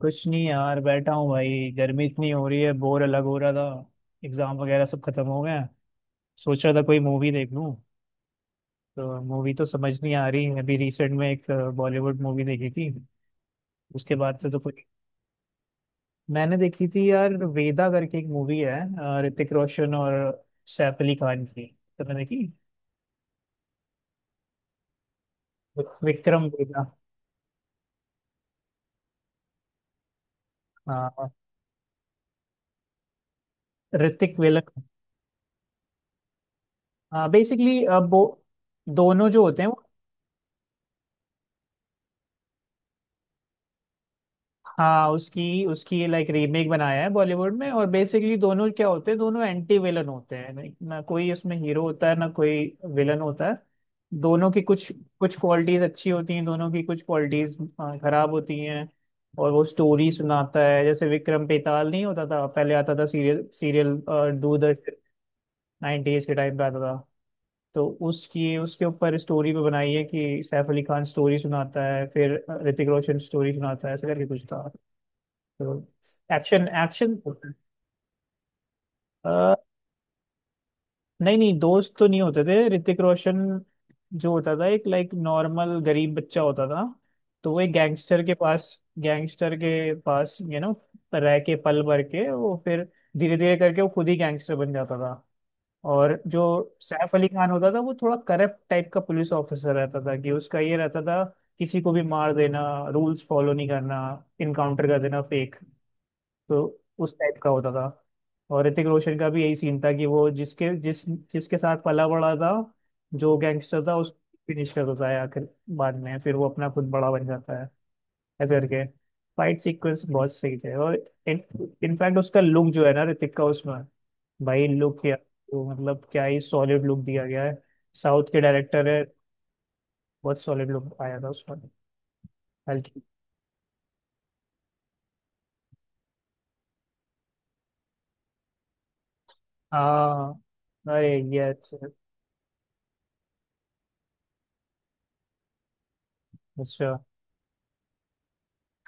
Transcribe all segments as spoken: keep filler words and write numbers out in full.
कुछ नहीं यार, बैठा हूँ भाई। गर्मी इतनी हो रही है, बोर अलग हो रहा था। एग्जाम वगैरह सब खत्म हो गए हैं। सोच रहा था कोई मूवी देख लूँ। तो मूवी तो समझ नहीं आ रही। अभी रिसेंट में एक बॉलीवुड मूवी देखी थी। उसके बाद से तो कुछ। मैंने देखी थी यार, वेदा करके एक मूवी है। अ, ऋतिक रोशन और सैफ अली खान की। तुमने देखी विक्रम वेदा? हाँ। ऋतिक वेलक। हाँ, बेसिकली अब वो दोनों जो होते हैं वो। हाँ, उसकी उसकी लाइक रीमेक बनाया है बॉलीवुड में। और बेसिकली दोनों क्या होते हैं? दोनों एंटी विलन होते हैं, like, ना कोई उसमें हीरो होता है ना कोई विलन होता है। दोनों की कुछ कुछ क्वालिटीज अच्छी होती हैं, दोनों की कुछ क्वालिटीज खराब होती हैं। और वो स्टोरी सुनाता है, जैसे विक्रम बेताल नहीं होता था, पहले आता था सीरियल सीरियल दूरदर्शन नाइंटीज़ के टाइम पे आता था। तो उसकी उसके ऊपर स्टोरी पे बनाई है कि सैफ अली खान स्टोरी सुनाता है, फिर अ, ऋतिक रोशन स्टोरी सुनाता है, ऐसे करके कुछ था तो। Action action. आ, नहीं नहीं, दोस्त तो नहीं होते थे। ऋतिक रोशन जो होता था, एक लाइक नॉर्मल गरीब बच्चा होता था। तो वो एक गैंगस्टर के पास गैंगस्टर के पास यू नो रह के पल भर के वो फिर धीरे धीरे करके वो खुद ही गैंगस्टर बन जाता था। और जो सैफ अली खान होता था वो थोड़ा करप्ट टाइप का पुलिस ऑफिसर रहता था, कि उसका ये रहता था, किसी को भी मार देना, रूल्स फॉलो नहीं करना, इनकाउंटर कर देना फेक, तो उस टाइप का होता था। और ऋतिक रोशन का भी यही सीन था कि वो जिसके जिस जिसके साथ पला बड़ा था, जो गैंगस्टर था, उस फिनिश कर देता है आखिर। बाद में फिर वो अपना खुद बड़ा बन जाता है। ऐसे करके फाइट सीक्वेंस बहुत सही थे। और इनफैक्ट उसका लुक जो है ना, ऋतिक का उसमें, भाई लुक क्या, वो मतलब क्या ही सॉलिड लुक दिया गया है, साउथ के डायरेक्टर है, बहुत सॉलिड लुक आया था उसमें, हल्की। हाँ। अरे ये अच्छा। अच्छा।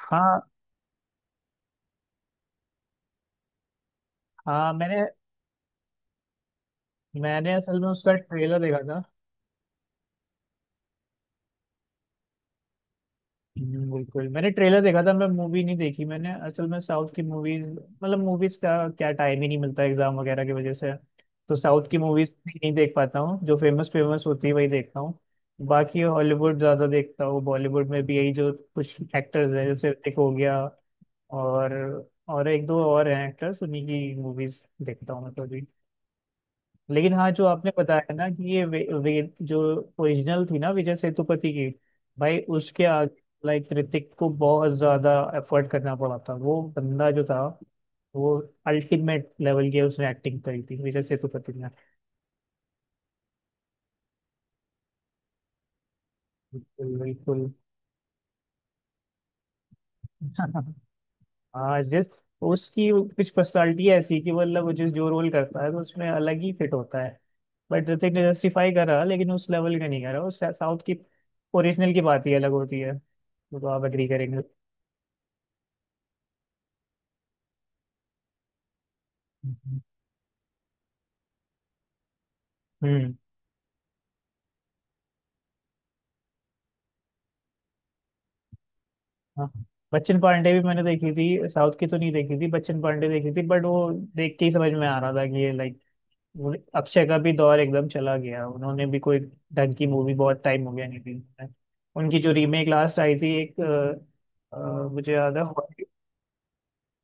हाँ हाँ। मैंने मैंने असल में उसका ट्रेलर देखा था। हम्म, बिल्कुल मैंने ट्रेलर देखा था, मैं मूवी नहीं देखी। मैंने असल में साउथ की मूवीज, मतलब मूवीज का क्या टाइम ही नहीं मिलता एग्जाम वगैरह की वजह से। तो साउथ की मूवीज नहीं देख पाता हूँ, जो फेमस फेमस होती है वही देखता हूँ। बाकी हॉलीवुड ज्यादा देखता हूँ, बॉलीवुड में भी यही जो कुछ एक्टर्स हैं जैसे ऋतिक हो गया और और एक दो और हैं एक्टर्स, उन्हीं की मूवीज देखता हूँ मैं तो भी। लेकिन हाँ, जो आपने बताया ना, कि ये वे, वे, जो ओरिजिनल थी ना विजय सेतुपति की, भाई उसके आगे लाइक ऋतिक को बहुत ज्यादा एफर्ट करना पड़ा था। वो बंदा जो था वो, अल्टीमेट लेवल की उसने एक्टिंग करी थी विजय सेतुपति ने। बिल्कुल बिल्कुल। हाँ, जिस उसकी कुछ पर्सनालिटी ऐसी, कि मतलब वो जिस जो रोल करता है तो उसमें अलग ही फिट होता है। बट ऋतिक ने जस्टिफाई करा लेकिन उस लेवल का नहीं करा, उस साउथ की ओरिजिनल की बात ही अलग होती है। वो तो आप एग्री करेंगे। हम्म। हाँ। बच्चन पांडे भी मैंने देखी थी, साउथ की तो नहीं देखी थी, बच्चन पांडे देखी थी, बट वो देख के ही समझ में आ रहा था कि ये लाइक अक्षय का भी दौर एकदम चला गया। उन्होंने भी कोई ढंग की मूवी बहुत टाइम हो गया नहीं थी। उनकी जो रीमेक लास्ट आई थी एक अ, अ, मुझे याद है, हॉली-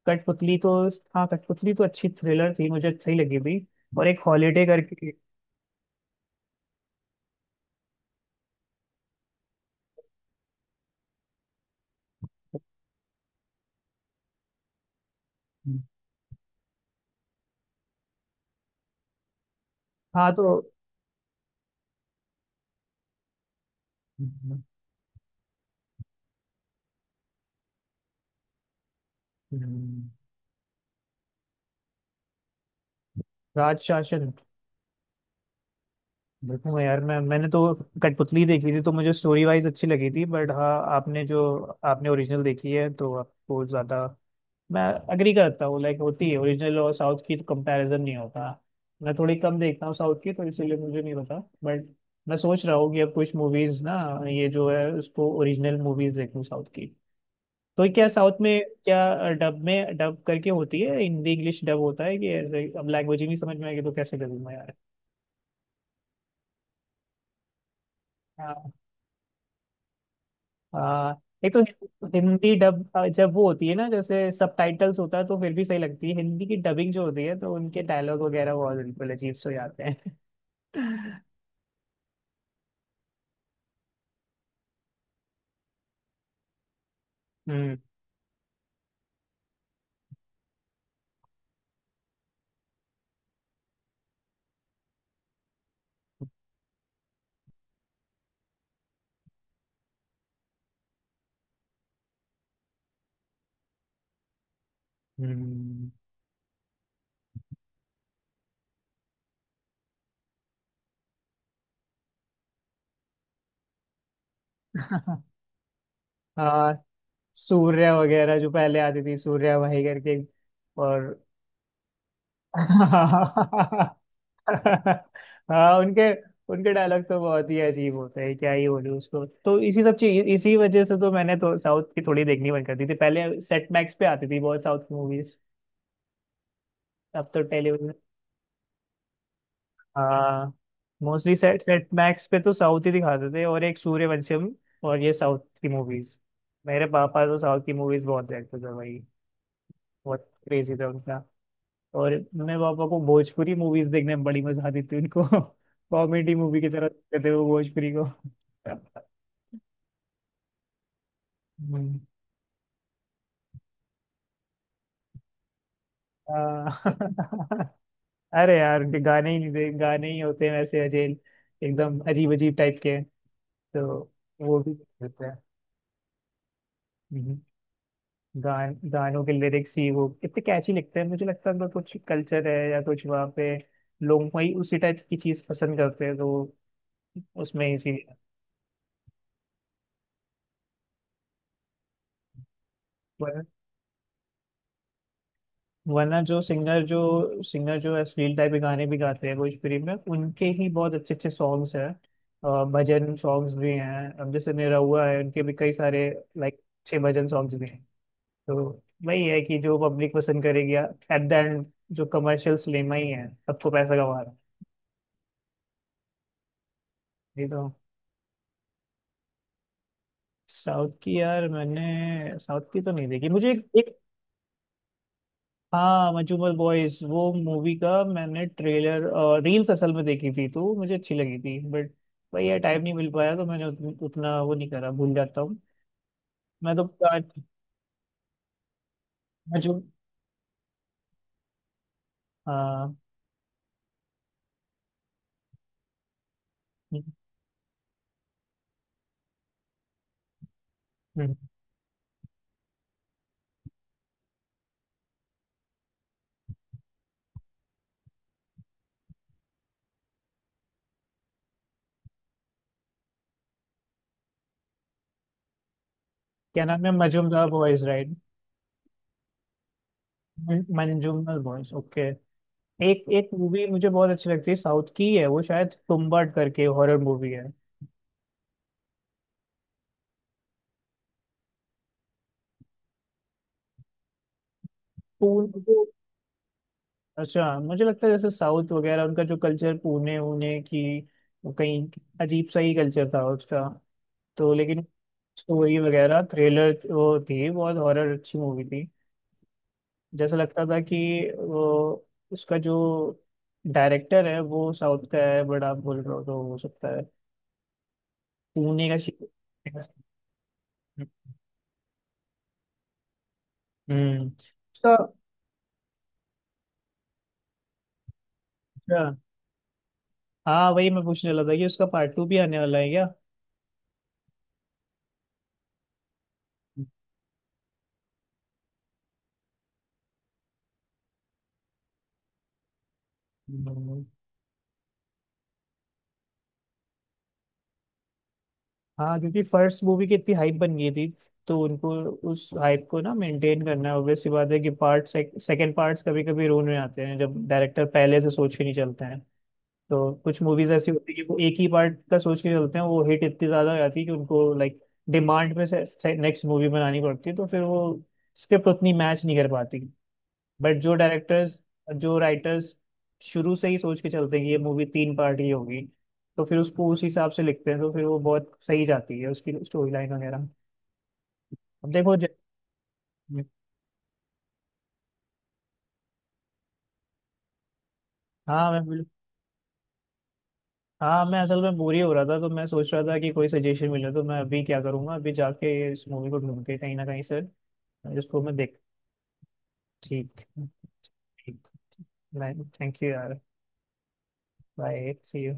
कठपुतली तो हाँ, कठपुतली तो अच्छी थ्रिलर थी, मुझे सही लगी थी। और एक हॉलीडे करके। हाँ तो। हम्म, राज शासन देखूंगा यार। मैं मैंने तो कठपुतली देखी थी तो मुझे स्टोरी वाइज अच्छी लगी थी, बट हाँ, आपने जो आपने ओरिजिनल देखी है तो आपको ज्यादा, मैं अग्री करता हूँ, लाइक होती है ओरिजिनल और साउथ की, तो कंपैरिजन नहीं होता। मैं थोड़ी कम देखता हूँ साउथ की, तो इसीलिए मुझे नहीं पता, बट मैं सोच रहा हूँ कि अब कुछ मूवीज ना, ये जो है उसको ओरिजिनल मूवीज देखूँ साउथ की। तो क्या साउथ में, क्या डब में डब करके होती है हिंदी, इंग्लिश डब होता है, कि ब्लैक लैंग्वेज ही नहीं समझ में आएगी तो कैसे करूँ मैं यार। आ, एक तो हिंदी डब, जब वो होती है ना, जैसे सबटाइटल्स होता है तो फिर भी सही लगती है, हिंदी की डबिंग जो होती है तो उनके डायलॉग वगैरह बहुत बिल्कुल अजीब से हो जाते हैं। हम्म। हम्म। आ, सूर्या वगैरह जो पहले आती थी, सूर्या भाई करके और। हाँ हाँ, उनके उनके डायलॉग तो बहुत ही अजीब होते हैं, क्या ही बोलूं उसको, तो इसी सब चीज, इसी वजह से तो मैंने तो साउथ की थोड़ी देखनी बंद कर दी थी, पहले सेट मैक्स पे आती थी बहुत साउथ की मूवीज। अब तो टेलीविजन। हाँ, मोस्टली सेट सेट मैक्स पे तो साउथ ही दिखाते थे, और एक सूर्यवंशम, और ये साउथ की मूवीज, मेरे पापा तो साउथ की मूवीज बहुत देखते थे भाई, बहुत क्रेजी था उनका। और मम्मी पापा को भोजपुरी मूवीज देखने में बड़ी मजा आती थी उनको, कॉमेडी मूवी की तरह देखते थे वो भोजपुरी को। हम्म। आ, अरे यार, ये गाने ही नहीं दे, गाने ही होते हैं वैसे अजेल, एकदम अजीब अजीब टाइप के, तो वो भी होते हैं। हम्म। गान गानों के लिरिक्स ही वो इतने कैची लिखते हैं, मुझे लगता है उनका कुछ कल्चर है या कुछ, वहाँ पे लोग वही उसी टाइप की चीज पसंद करते हैं, तो वो उसमें इसी। वरना जो सिंगर जो सिंगर जो अश्लील टाइप के गाने भी गाते हैं भोजपुरी में, उनके ही बहुत अच्छे अच्छे सॉन्ग्स हैं। अ, भजन सॉन्ग्स भी हैं, अब जैसे निरहुआ है, उनके भी कई सारे लाइक छह भजन सॉन्ग्स भी हैं। तो वही है कि जो पब्लिक पसंद करेगी एट द एंड, जो कमर्शियल सिनेमा ही है सबको पैसा कमा रहा है, ये तो। साउथ की, यार मैंने साउथ की तो नहीं देखी, मुझे एक। हाँ, मजूमल बॉयज, वो मूवी का मैंने ट्रेलर, रील्स असल में देखी थी तो वो मुझे अच्छी लगी थी, बट भाई यार टाइम नहीं मिल पाया तो मैंने उत, उतना वो नहीं करा, भूल जाता हूँ मैं तो। मजूम। हाँ। हम्म, हम्म। क्या नाम है, Majumdar boys right? Manjumdar boys, okay. एक एक मूवी मुझे बहुत अच्छी लगती है साउथ की, है वो शायद तुम्बाड करके, हॉरर मूवी है तो। अच्छा, मुझे लगता है जैसे साउथ वगैरह उनका जो कल्चर, पुणे उने की, वो कहीं अजीब सा ही कल्चर था उसका। तो लेकिन स्टोरी वगैरह थ्रिलर वो थी बहुत, हॉरर अच्छी मूवी थी, जैसा लगता था कि वो, उसका जो डायरेक्टर है वो साउथ का है, बट आप बोल रहे हो तो हो सकता है पुणे का शि- हम्म। उसका, अच्छा, हाँ वही मैं पूछने वाला था कि उसका पार्ट टू भी आने वाला है क्या? हम्म। हाँ, क्योंकि फर्स्ट मूवी की इतनी हाइप बन गई थी, तो उनको उस हाइप को ना मेंटेन करना है, ऑब्वियस सी बात है कि पार्ट सेकंड, पार्ट्स कभी कभी रोन में आते हैं जब डायरेक्टर पहले से सोच के नहीं चलते हैं। तो कुछ मूवीज ऐसी होती है कि वो एक ही पार्ट का सोच के चलते हैं, वो हिट इतनी ज्यादा हो जाती है कि उनको लाइक डिमांड में से, नेक्स्ट मूवी बनानी पड़ती है, तो फिर वो स्क्रिप्ट उतनी मैच नहीं कर पाती। बट जो डायरेक्टर्स, जो राइटर्स शुरू से ही सोच के चलते हैं कि ये मूवी तीन पार्ट ही होगी, तो फिर उसको उस हिसाब से लिखते हैं, तो फिर वो बहुत सही जाती है, उसकी स्टोरी लाइन वगैरह। अब देखो ज- हाँ मैं बिल- हाँ, मैं असल में बोर ही हो रहा था तो मैं सोच रहा था कि कोई सजेशन मिले, तो मैं अभी क्या करूँगा, अभी जाके इस मूवी को ढूंढ के कहीं ना कहीं से जिसको मैं देख। ठीक। ठीक। थैंक यू यार। Bye, see you.